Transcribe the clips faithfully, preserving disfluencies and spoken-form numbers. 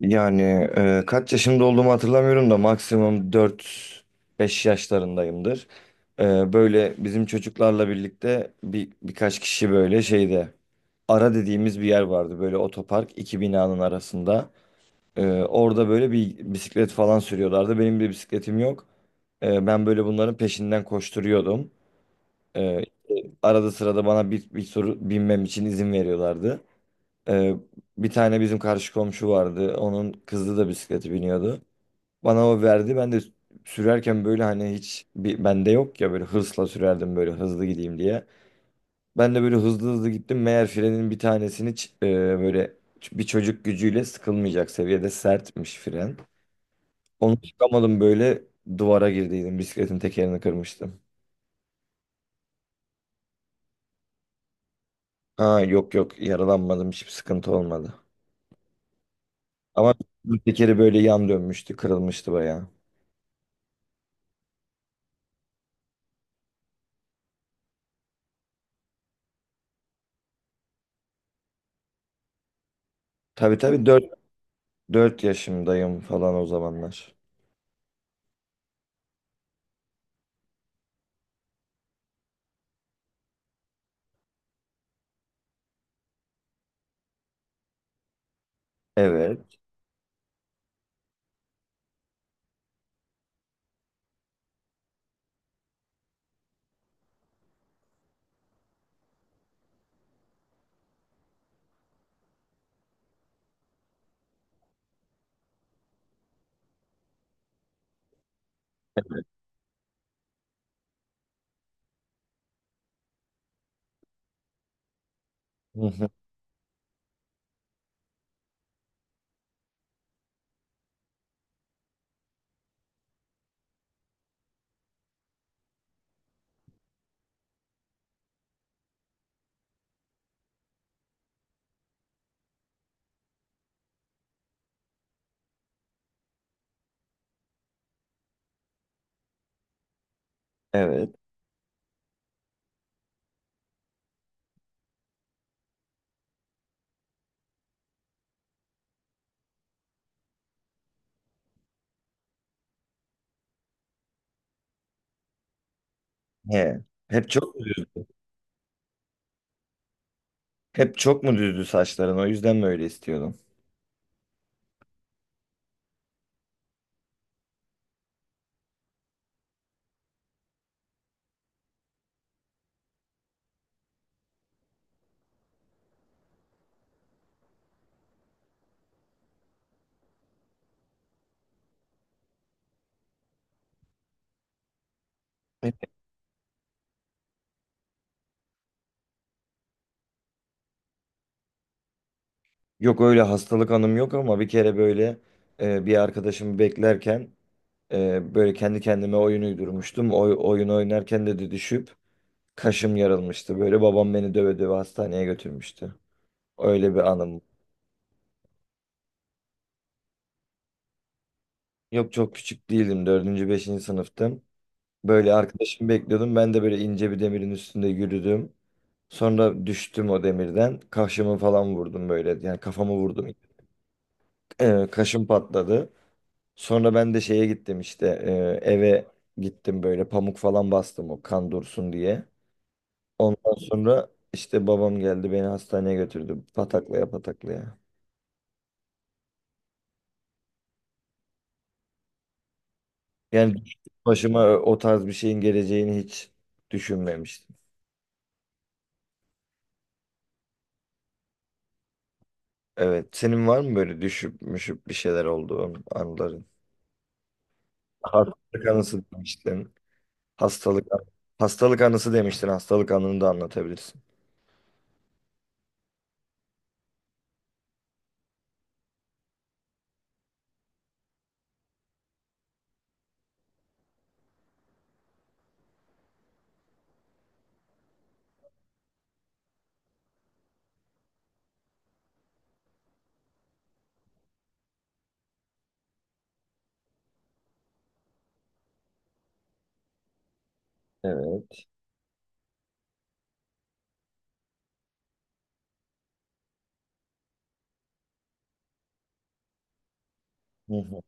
Yani e, kaç yaşımda olduğumu hatırlamıyorum da maksimum dört beş yaşlarındayımdır. E, böyle bizim çocuklarla birlikte bir birkaç kişi böyle şeyde ara dediğimiz bir yer vardı. Böyle otopark iki binanın arasında. E, orada böyle bir bisiklet falan sürüyorlardı. Benim bir bisikletim yok. E, ben böyle bunların peşinden koşturuyordum. E, arada sırada bana bir, bir soru binmem için izin veriyorlardı. E, bir tane bizim karşı komşu vardı. Onun kızı da bisikleti biniyordu. Bana o verdi. Ben de sürerken böyle hani hiç bir bende yok ya böyle hırsla sürerdim böyle hızlı gideyim diye. Ben de böyle hızlı hızlı gittim. Meğer frenin bir tanesini ç- e, böyle ç- bir çocuk gücüyle sıkılmayacak seviyede sertmiş fren. Onu çıkamadım böyle duvara girdiydim. Bisikletin tekerini kırmıştım. Ha, yok yok yaralanmadım. Hiçbir sıkıntı olmadı. Ama tekeri böyle yan dönmüştü, kırılmıştı bayağı. Tabii tabii dört dört yaşımdayım falan o zamanlar. Evet. Hı hı. Evet. He. Hep çok mu düzdü? Hep çok mu düzdü saçların? O yüzden mi öyle istiyordun? Hep Yok, öyle hastalık anım yok ama bir kere böyle e, bir arkadaşımı beklerken e, böyle kendi kendime oyun uydurmuştum. Oy, oyun oynarken de de düşüp kaşım yarılmıştı. Böyle babam beni döve döve hastaneye götürmüştü. Öyle bir anım. Yok, çok küçük değildim. Dördüncü, beşinci sınıftım. Böyle arkadaşımı bekliyordum. Ben de böyle ince bir demirin üstünde yürüdüm. Sonra düştüm o demirden. Kaşımı falan vurdum böyle. Yani kafamı vurdum. Ee, kaşım patladı. Sonra ben de şeye gittim işte. e, eve gittim böyle pamuk falan bastım o kan dursun diye. Ondan sonra işte babam geldi beni hastaneye götürdü. Pataklaya pataklaya. Yani başıma o tarz bir şeyin geleceğini hiç düşünmemiştim. Evet. Senin var mı böyle düşüp müşüp bir şeyler olduğu anların? Hastalık anısı demiştin. Hastalık hastalık anısı demiştin. Hastalık anını da anlatabilirsin. Evet. Hı hı.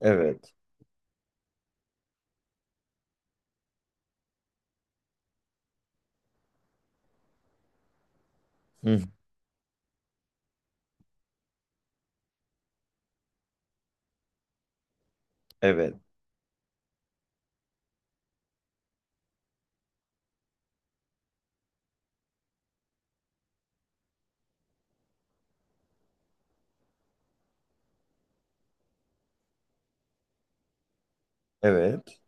Evet. Hı hı. Evet. Evet.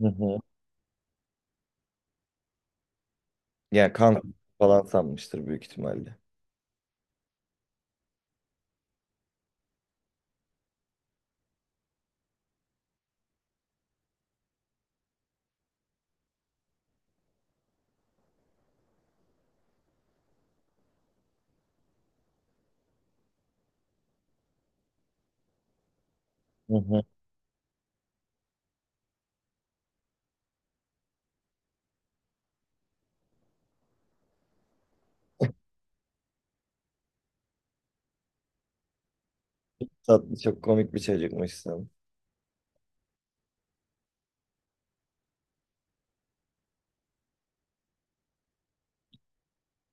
Hı hı. Yani kan falan sanmıştır büyük ihtimalle. Hı hı. Tatlı, çok komik bir çocukmuşsun.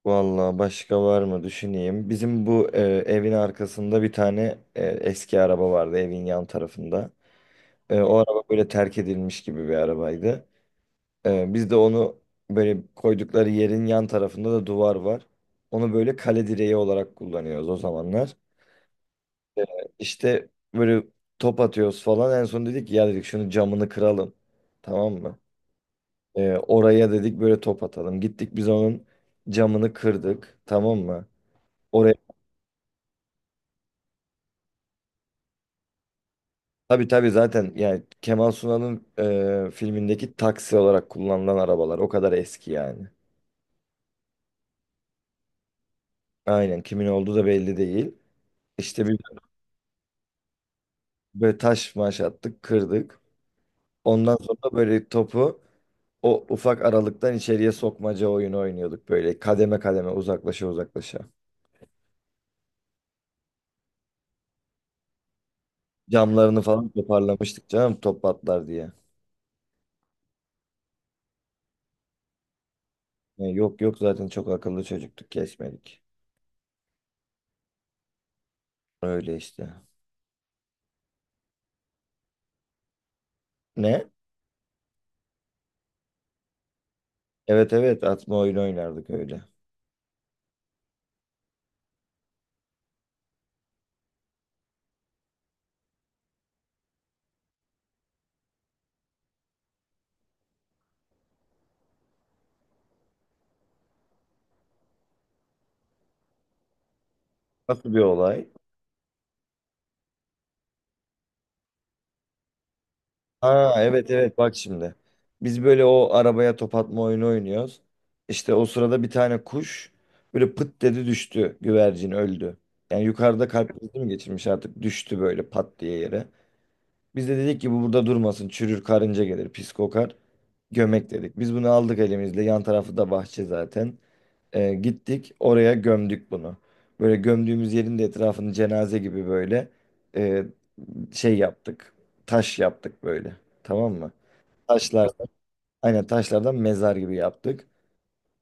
Vallahi başka var mı düşüneyim. Bizim bu e, evin arkasında bir tane e, eski araba vardı evin yan tarafında. E, o araba böyle terk edilmiş gibi bir arabaydı. Ee, biz de onu böyle koydukları yerin yan tarafında da duvar var. Onu böyle kale direği olarak kullanıyoruz o zamanlar. Ee, işte böyle top atıyoruz falan. En son dedik ki, ya dedik şunu camını kıralım. Tamam mı? Ee, oraya dedik böyle top atalım. Gittik biz onun camını kırdık. Tamam mı? Oraya tabii tabii zaten yani Kemal Sunal'ın e, filmindeki taksi olarak kullanılan arabalar o kadar eski yani. Aynen, kimin olduğu da belli değil. İşte bir böyle taş maş attık, kırdık. Ondan sonra böyle topu o ufak aralıktan içeriye sokmaca oyunu oynuyorduk böyle kademe kademe uzaklaşa uzaklaşa. Camlarını falan toparlamıştık canım top patlar diye. Yani yok yok zaten çok akıllı çocuktuk kesmedik. Öyle işte. Ne? Evet evet, atma oyunu oynardık öyle. Nasıl bir olay? Ha, evet evet, bak şimdi. Biz böyle o arabaya top atma oyunu oynuyoruz. İşte o sırada bir tane kuş böyle pıt dedi düştü. Güvercin öldü. Yani yukarıda kalp krizi mi geçirmiş artık düştü böyle pat diye yere. Biz de dedik ki bu burada durmasın, çürür, karınca gelir, pis kokar. Gömek dedik. Biz bunu aldık elimizle, yan tarafı da bahçe zaten. Ee, gittik oraya gömdük bunu. Böyle gömdüğümüz yerin de etrafını cenaze gibi böyle e, şey yaptık. Taş yaptık böyle. Tamam mı? Taşlar, aynen taşlardan mezar gibi yaptık.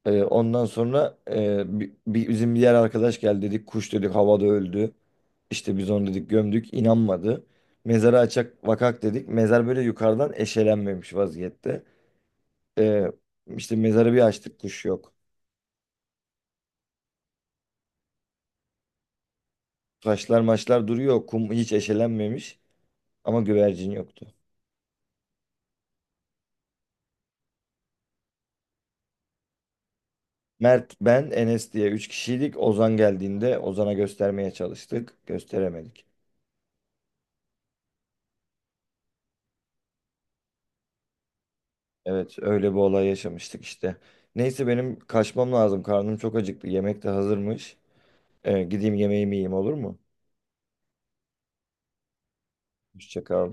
Ee, ondan sonra e, bi- bi- bizim bir diğer arkadaş geldi, dedik kuş, dedik havada öldü. İşte biz onu dedik gömdük, inanmadı. Mezarı açak vakak dedik. Mezar böyle yukarıdan eşelenmemiş vaziyette. Ee, işte mezarı bir açtık, kuş yok. Taşlar maçlar duruyor, kum hiç eşelenmemiş ama güvercin yoktu. Mert, ben, Enes diye üç kişiydik. Ozan geldiğinde Ozan'a göstermeye çalıştık. Gösteremedik. Evet, öyle bir olay yaşamıştık işte. Neyse benim kaçmam lazım. Karnım çok acıktı. Yemek de hazırmış. Ee, gideyim yemeğimi yiyeyim, olur mu? Hoşça kal.